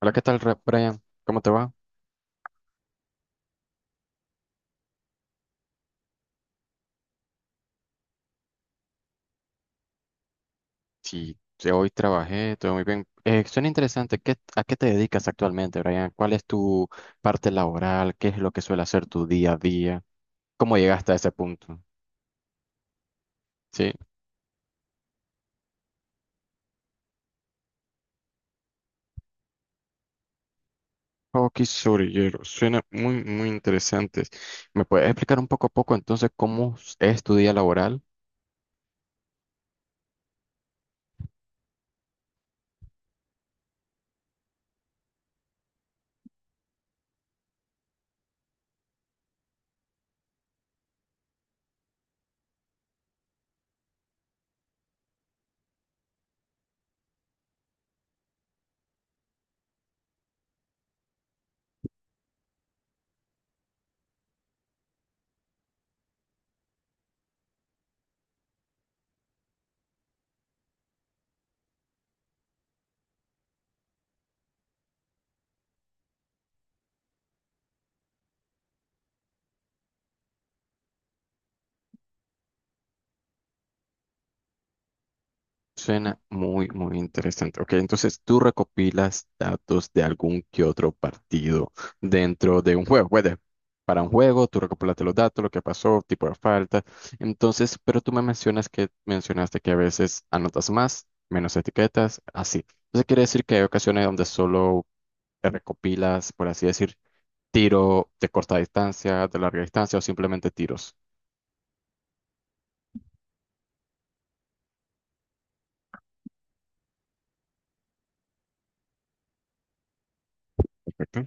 Hola, ¿qué tal, Brian? ¿Cómo te va? Sí, sí, hoy trabajé, todo muy bien. Suena interesante. ¿A qué te dedicas actualmente, Brian? ¿Cuál es tu parte laboral? ¿Qué es lo que suele hacer tu día a día? ¿Cómo llegaste a ese punto? Sí. Hockey sobre hielo. Suena muy, muy interesante. ¿Me puedes explicar un poco a poco entonces cómo es tu día laboral? Suena muy, muy interesante. Ok, entonces tú recopilas datos de algún que otro partido dentro de un juego. Para un juego, tú recopilaste los datos, lo que pasó, tipo de falta. Entonces, pero tú me mencionas que mencionaste que a veces anotas más, menos etiquetas, así. Entonces quiere decir que hay ocasiones donde solo te recopilas, por así decir, tiro de corta distancia, de larga distancia o simplemente tiros. Ok.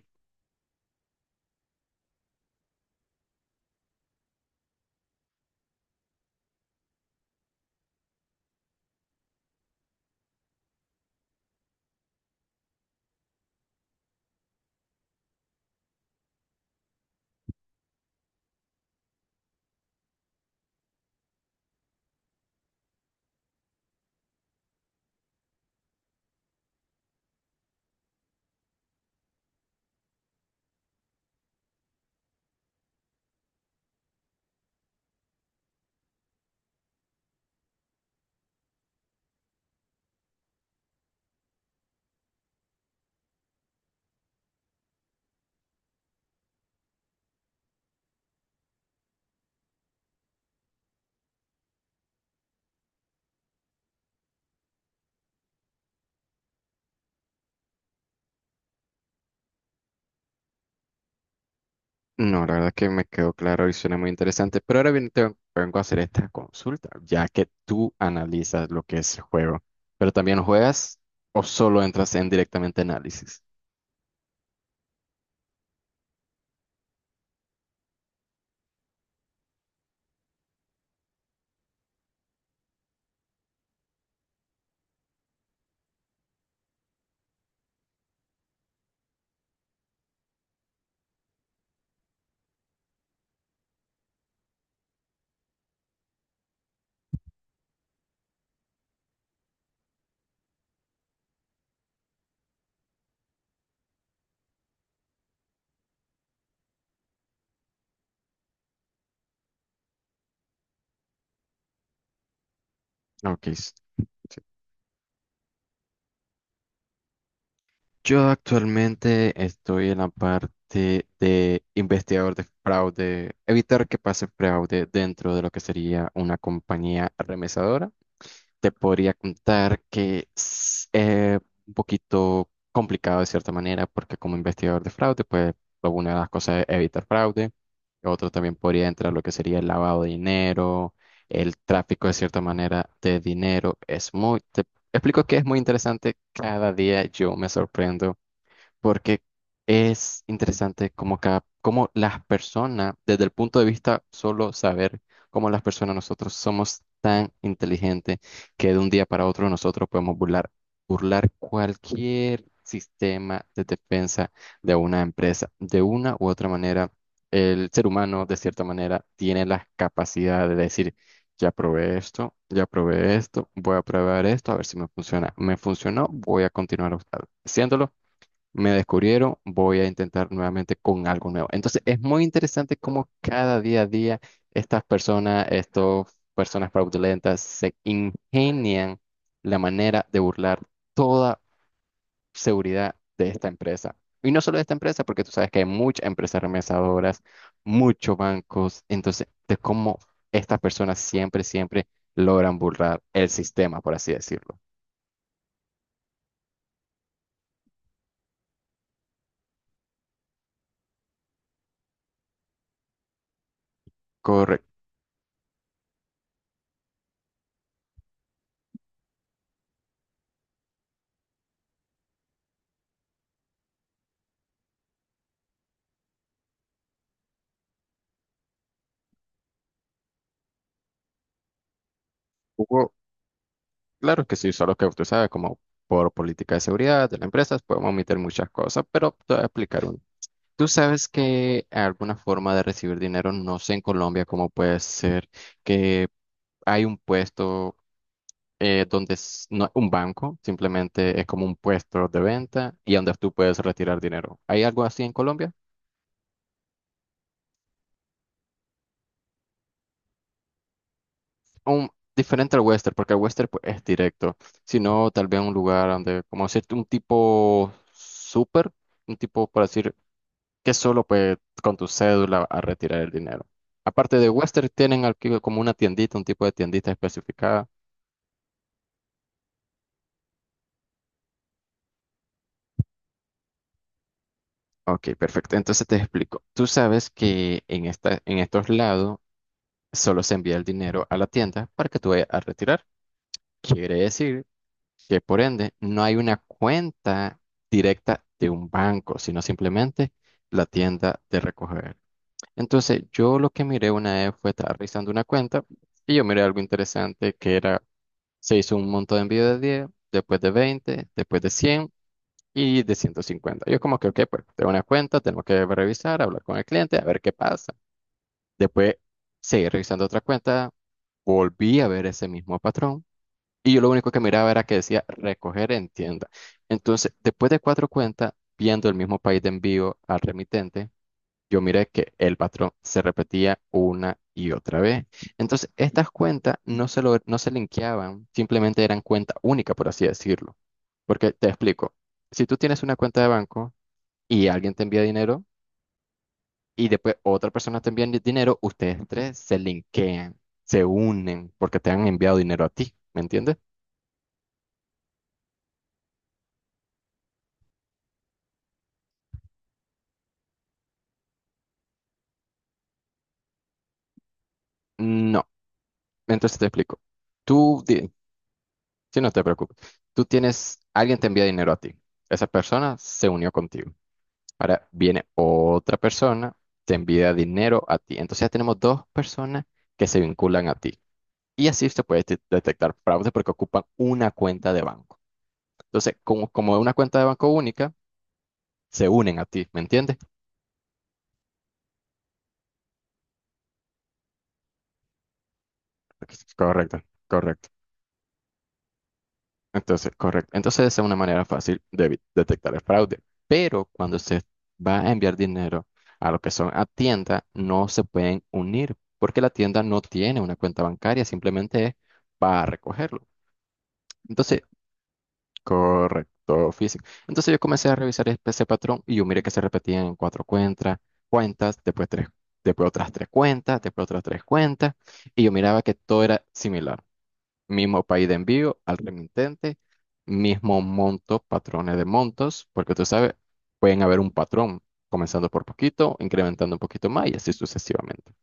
No, la verdad que me quedó claro y suena muy interesante, pero ahora bien te vengo a hacer esta consulta, ya que tú analizas lo que es el juego, pero también juegas o solo entras en directamente análisis. Ok, yo actualmente estoy en la parte de investigador de fraude, evitar que pase fraude dentro de lo que sería una compañía remesadora. Te podría contar que es un poquito complicado de cierta manera, porque como investigador de fraude, pues una de las cosas es evitar fraude. Otro también podría entrar lo que sería el lavado de dinero, el tráfico de cierta manera de dinero. Es muy, explico que es muy interesante. Cada día yo me sorprendo porque es interesante como cada, cómo las personas, desde el punto de vista solo saber cómo las personas nosotros somos tan inteligentes que de un día para otro nosotros podemos burlar, burlar cualquier sistema de defensa de una empresa. De una u otra manera, el ser humano, de cierta manera, tiene la capacidad de decir, ya probé esto, voy a probar esto, a ver si me funciona. Me funcionó, voy a continuar haciéndolo, me descubrieron, voy a intentar nuevamente con algo nuevo. Entonces, es muy interesante cómo cada día a día estas personas fraudulentas, se ingenian la manera de burlar toda seguridad de esta empresa. Y no solo de esta empresa, porque tú sabes que hay muchas empresas remesadoras, muchos bancos. Entonces, de cómo estas personas siempre, siempre logran burlar el sistema, por así decirlo. Correcto. Hugo, claro que sí, solo que usted sabe, como por política de seguridad de las empresas, podemos omitir muchas cosas, pero te voy a explicar uno. Tú sabes que alguna forma de recibir dinero, no sé en Colombia cómo puede ser que hay un puesto, donde no es un banco, simplemente es como un puesto de venta y donde tú puedes retirar dinero. ¿Hay algo así en Colombia? un- Diferente al western, porque el western pues, es directo, sino tal vez un lugar donde, como decir un tipo súper, un tipo, para decir, que solo pues con tu cédula a retirar el dinero. Aparte de Western, tienen aquí como una tiendita, un tipo de tiendita especificada. Ok, perfecto. Entonces te explico. Tú sabes que en esta, en estos lados solo se envía el dinero a la tienda para que tú vayas a retirar. Quiere decir que por ende no hay una cuenta directa de un banco, sino simplemente la tienda de recoger. Entonces, yo lo que miré una vez fue estar revisando una cuenta y yo miré algo interesante que era, se hizo un monto de envío de 10, después de 20, después de 100 y de 150. Yo como que, ok, pues tengo una cuenta, tengo que revisar, hablar con el cliente, a ver qué pasa. Después seguí revisando otra cuenta, volví a ver ese mismo patrón y yo lo único que miraba era que decía recoger en tienda. Entonces, después de cuatro cuentas, viendo el mismo país de envío al remitente, yo miré que el patrón se repetía una y otra vez. Entonces, estas cuentas no se, lo, no se linkeaban, simplemente eran cuenta única, por así decirlo. Porque te explico, si tú tienes una cuenta de banco y alguien te envía dinero, y después otra persona te envía dinero, ustedes tres se linkean, se unen porque te han enviado dinero a ti, ¿me entiendes? No, entonces te explico. Tú, di- sí, no te preocupes, tú tienes, alguien te envía dinero a ti, esa persona se unió contigo. Ahora viene otra persona, te envía dinero a ti. Entonces ya tenemos dos personas que se vinculan a ti. Y así se puede detectar fraude porque ocupan una cuenta de banco. Entonces, como es una cuenta de banco única, se unen a ti, ¿me entiendes? Correcto, correcto. Entonces, correcto. Entonces, esa es una manera fácil de detectar el fraude. Pero cuando se va a enviar dinero a lo que son a tienda, no se pueden unir porque la tienda no tiene una cuenta bancaria, simplemente es para recogerlo. Entonces, correcto, físico. Entonces yo comencé a revisar ese patrón y yo miré que se repetían en cuatro cuentas, después tres, después otras tres cuentas, después otras tres cuentas, y yo miraba que todo era similar. Mismo país de envío al remitente, mismo monto, patrones de montos, porque tú sabes, pueden haber un patrón comenzando por poquito, incrementando un poquito más y así sucesivamente.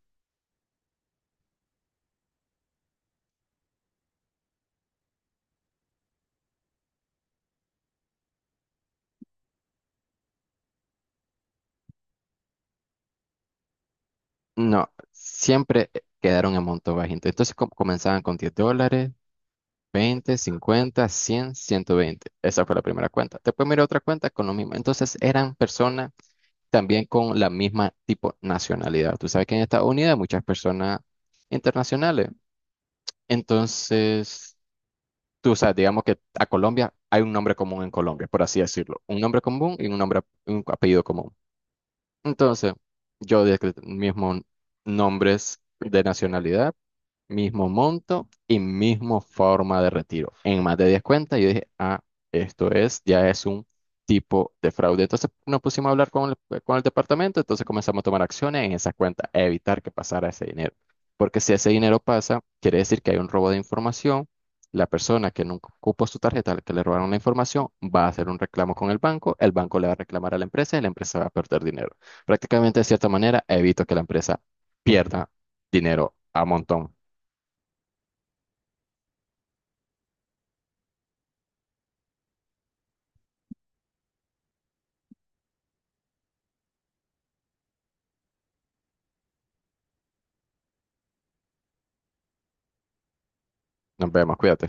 No, siempre quedaron en monto bajito. Entonces comenzaban con $10. 20, 50, 100, 120. Esa fue la primera cuenta. Después miré otra cuenta con lo mismo. Entonces eran personas también con la misma tipo nacionalidad. Tú sabes que en Estados Unidos hay muchas personas internacionales. Entonces, tú sabes, digamos que a Colombia hay un nombre común en Colombia, por así decirlo. Un nombre común y un nombre, un apellido común. Entonces, yo de mismo nombres de nacionalidad, mismo monto y mismo forma de retiro. En más de 10 cuentas, yo dije, ah, esto es, ya es un tipo de fraude. Entonces nos pusimos a hablar con el departamento, entonces comenzamos a tomar acciones en esas cuentas, a evitar que pasara ese dinero. Porque si ese dinero pasa, quiere decir que hay un robo de información. La persona que nunca ocupó su tarjeta, que le robaron la información, va a hacer un reclamo con el banco le va a reclamar a la empresa y la empresa va a perder dinero. Prácticamente, de cierta manera, evito que la empresa pierda dinero a montón. Nos vemos, cuídate.